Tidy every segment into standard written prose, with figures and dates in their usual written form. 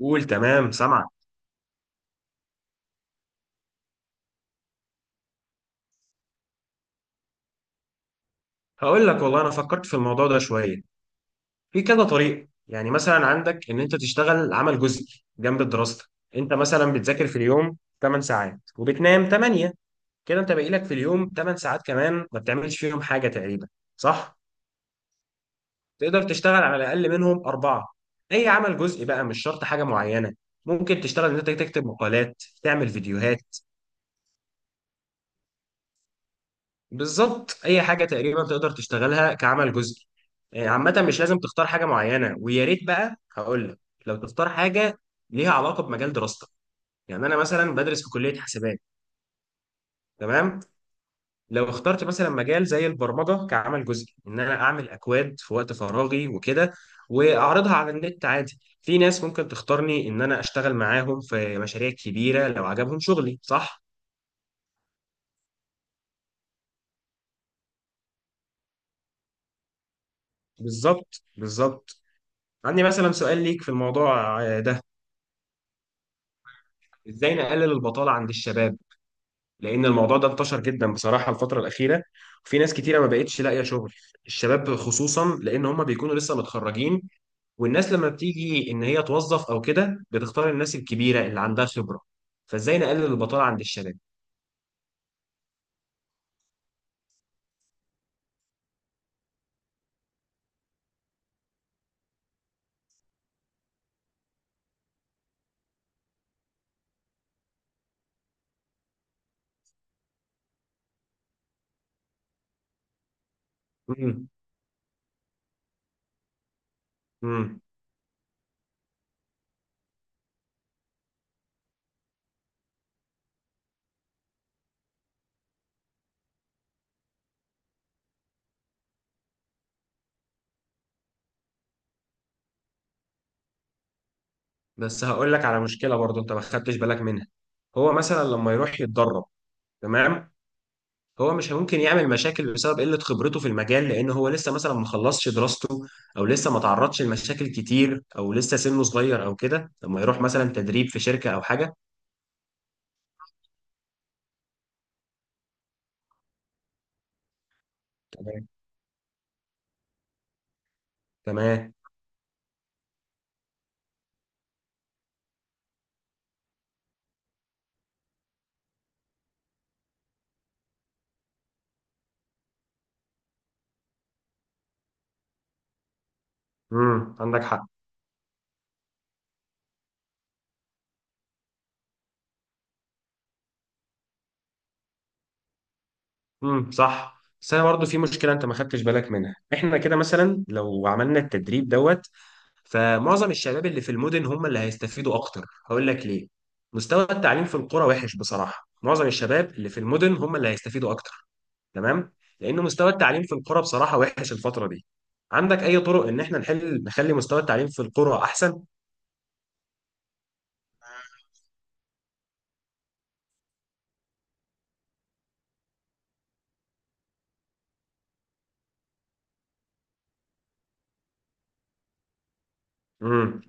قول. تمام، سامعك. هقول لك والله انا فكرت في الموضوع ده شويه. في كذا طريقه، يعني مثلا عندك ان انت تشتغل عمل جزئي جنب دراستك. انت مثلا بتذاكر في اليوم 8 ساعات وبتنام 8. كده انت باقي لك في اليوم 8 ساعات كمان ما بتعملش فيهم حاجه تقريبا، صح؟ تقدر تشتغل على الاقل منهم اربعه. اي عمل جزئي بقى مش شرط حاجه معينه. ممكن تشتغل ان انت تكتب مقالات، تعمل فيديوهات. بالظبط. اي حاجه تقريبا تقدر تشتغلها كعمل جزئي. عامه مش لازم تختار حاجه معينه، ويا ريت بقى هقول لك لو تختار حاجه ليها علاقه بمجال دراستك. يعني انا مثلا بدرس في كليه حسابات. تمام. لو اخترت مثلا مجال زي البرمجه كعمل جزئي، ان انا اعمل اكواد في وقت فراغي وكده، واعرضها على النت، عادي في ناس ممكن تختارني ان انا اشتغل معاهم في مشاريع كبيره لو عجبهم شغلي، صح. بالظبط بالظبط. عندي مثلا سؤال ليك في الموضوع ده. ازاي نقلل البطالة عند الشباب؟ لان الموضوع ده انتشر جدا بصراحة الفترة الأخيرة، وفي ناس كتيرة ما بقتش لاقية شغل. الشباب خصوصا، لان هم بيكونوا لسه متخرجين، والناس لما بتيجي ان هي توظف او كده بتختار الناس الكبيرة اللي عندها خبرة. فازاي نقلل البطالة عند الشباب؟ امم امم بس هقول لك على مشكلة برضو انت ما خدتش بالك منها. هو مثلا لما يروح يتدرب، تمام، هو مش ممكن يعمل مشاكل بسبب قلة خبرته في المجال، لأن هو لسه مثلا ما خلصش دراسته، أو لسه ما تعرضش لمشاكل كتير، أو لسه سنه صغير أو كده لما يروح مثلا تدريب في شركة أو حاجة. تمام تمام. عندك حق. صح، بس أنا برضه في مشكلة أنت ما خدتش بالك منها. إحنا كده مثلا لو عملنا التدريب دوت، فمعظم الشباب اللي في المدن هم اللي هيستفيدوا أكتر. هقول لك ليه. مستوى التعليم في القرى وحش بصراحة. معظم الشباب اللي في المدن هم اللي هيستفيدوا أكتر. تمام. لأنه مستوى التعليم في القرى بصراحة وحش الفترة دي. عندك أي طرق إن إحنا نحل نخلي مستوى التعليم في القرى أحسن؟ امم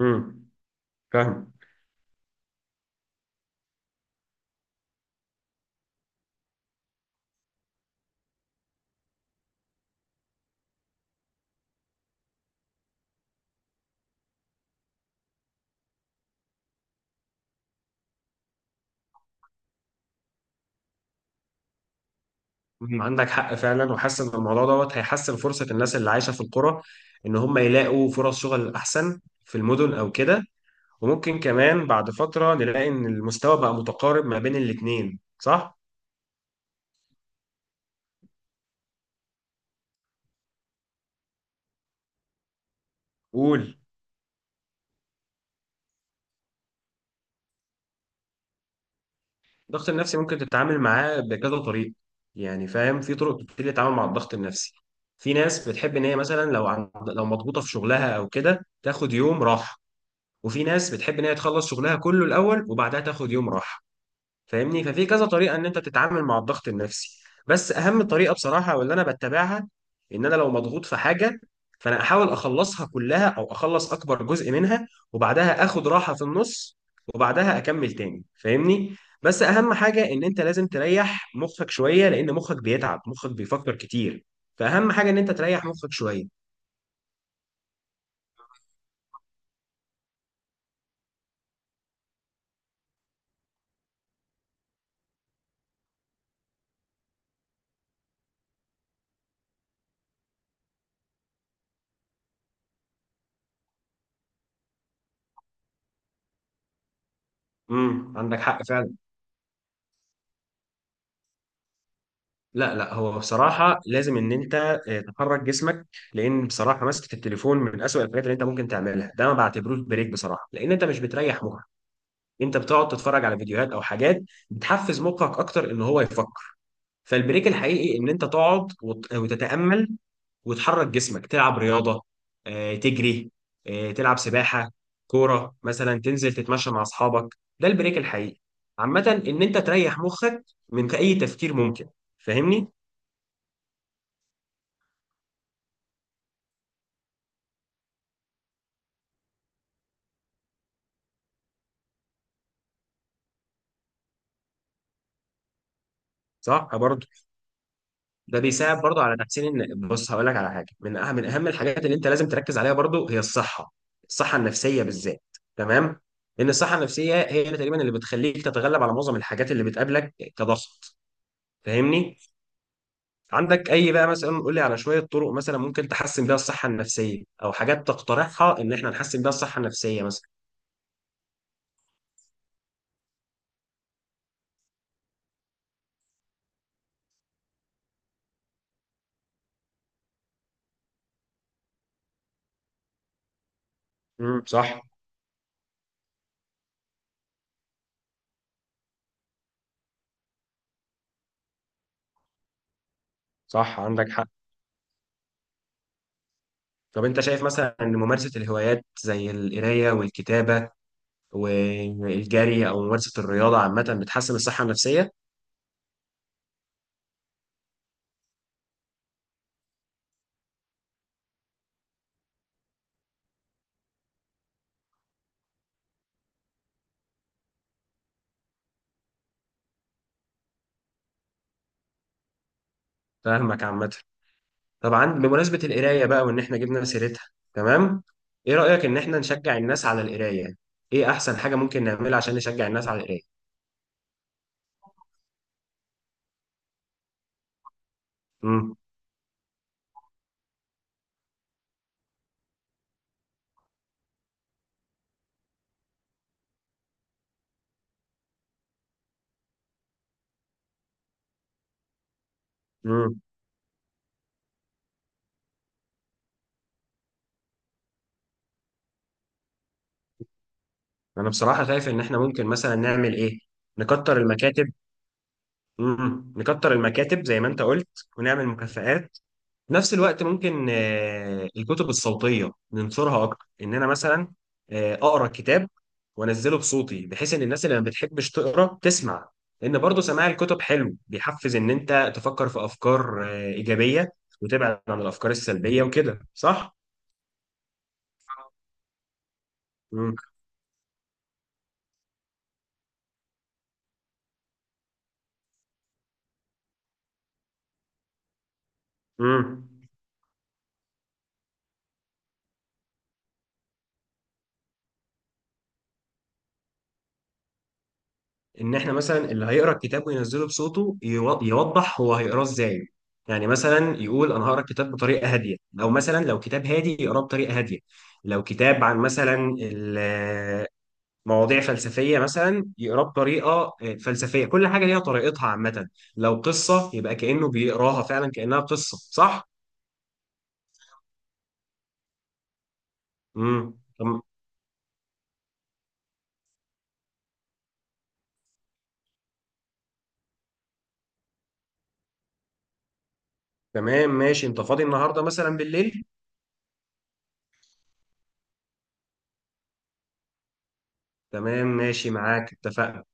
امم فاهم. مم. عندك حق فعلا، وحاسس ان الموضوع دوت هيحسن فرصه الناس اللي عايشه في القرى ان هم يلاقوا فرص شغل احسن في المدن او كده. وممكن كمان بعد فتره نلاقي ان المستوى بقى متقارب ما بين الاثنين، صح؟ قول. الضغط النفسي ممكن تتعامل معاه بكذا طريقة. يعني فاهم في طرق كتير للتعامل مع الضغط النفسي. في ناس بتحب ان هي مثلا لو مضغوطة في شغلها او كده تاخد يوم راحة. وفي ناس بتحب ان هي تخلص شغلها كله الاول وبعدها تاخد يوم راحة. فاهمني. ففي كذا طريقه ان انت تتعامل مع الضغط النفسي. بس اهم طريقه بصراحه واللي انا بتبعها، ان انا لو مضغوط في حاجه فانا احاول اخلصها كلها او اخلص اكبر جزء منها، وبعدها اخد راحه في النص، وبعدها اكمل تاني. فاهمني. بس اهم حاجه ان انت لازم تريح مخك شويه، لان مخك بيتعب، مخك بيفكر كتير. فاهم حاجه ان انت تريح مخك شويه. عندك حق فعلا. لا لا، هو بصراحة لازم إن أنت تحرك جسمك. لأن بصراحة مسكة التليفون من أسوأ الحاجات اللي أنت ممكن تعملها، ده ما بعتبروش بريك بصراحة، لأن أنت مش بتريح مخك، أنت بتقعد تتفرج على فيديوهات أو حاجات بتحفز مخك أكتر إن هو يفكر. فالبريك الحقيقي إن أنت تقعد وتتأمل، وتحرك جسمك، تلعب رياضة، تجري، تلعب سباحة، كورة مثلا، تنزل تتمشى مع أصحابك، ده البريك الحقيقي. عامة إن أنت تريح مخك من أي تفكير ممكن، فاهمني؟ صح برضه. ده بيساعد برضو على تحسين ان بص هقول لك على حاجه، من اهم الحاجات اللي انت لازم تركز عليها برضو هي الصحه، الصحه النفسيه بالذات. تمام. لان الصحه النفسيه هي اللي تقريبا اللي بتخليك تتغلب على معظم الحاجات اللي بتقابلك كضغط. فاهمني. عندك اي بقى مثلا، قول لي على شويه طرق مثلا ممكن تحسن بيها الصحه النفسيه، او حاجات تقترحها ان احنا نحسن بيها الصحه النفسيه مثلا. صح. صح، عندك حق. طب انت شايف مثلا ان ممارسه الهوايات زي القرايه والكتابه والجري او ممارسه الرياضه عامه بتحسن الصحه النفسيه؟ فاهمك عامه. طبعا، بمناسبه القرايه بقى وان احنا جبنا سيرتها، تمام، ايه رايك ان احنا نشجع الناس على القرايه؟ ايه احسن حاجه ممكن نعملها عشان نشجع الناس على القرايه؟ امم امم انا بصراحه شايف ان احنا ممكن مثلا نعمل ايه. نكتر المكاتب. نكتر المكاتب زي ما انت قلت، ونعمل مكافآت. في نفس الوقت ممكن الكتب الصوتية ننشرها أكتر، إن أنا مثلا أقرأ كتاب وأنزله بصوتي بحيث إن الناس اللي ما بتحبش تقرأ تسمع. لأن برضه سماع الكتب حلو، بيحفز إن أنت تفكر في أفكار إيجابية وتبعد عن الأفكار السلبية وكده، صح؟ مم. مم. ان احنا مثلا اللي هيقرا الكتاب وينزله بصوته يوضح هو هيقراه ازاي. يعني مثلا يقول انا هقرا الكتاب بطريقه هاديه، او مثلا لو كتاب هادي يقراه بطريقه هاديه. لو كتاب عن مثلا مواضيع فلسفيه مثلا يقراه بطريقه فلسفيه. كل حاجه ليها طريقتها عامه. لو قصه يبقى كانه بيقراها فعلا كانها قصه، صح. امم تمام ماشي. انت فاضي النهارده مثلا بالليل؟ تمام، ماشي معاك، اتفقنا.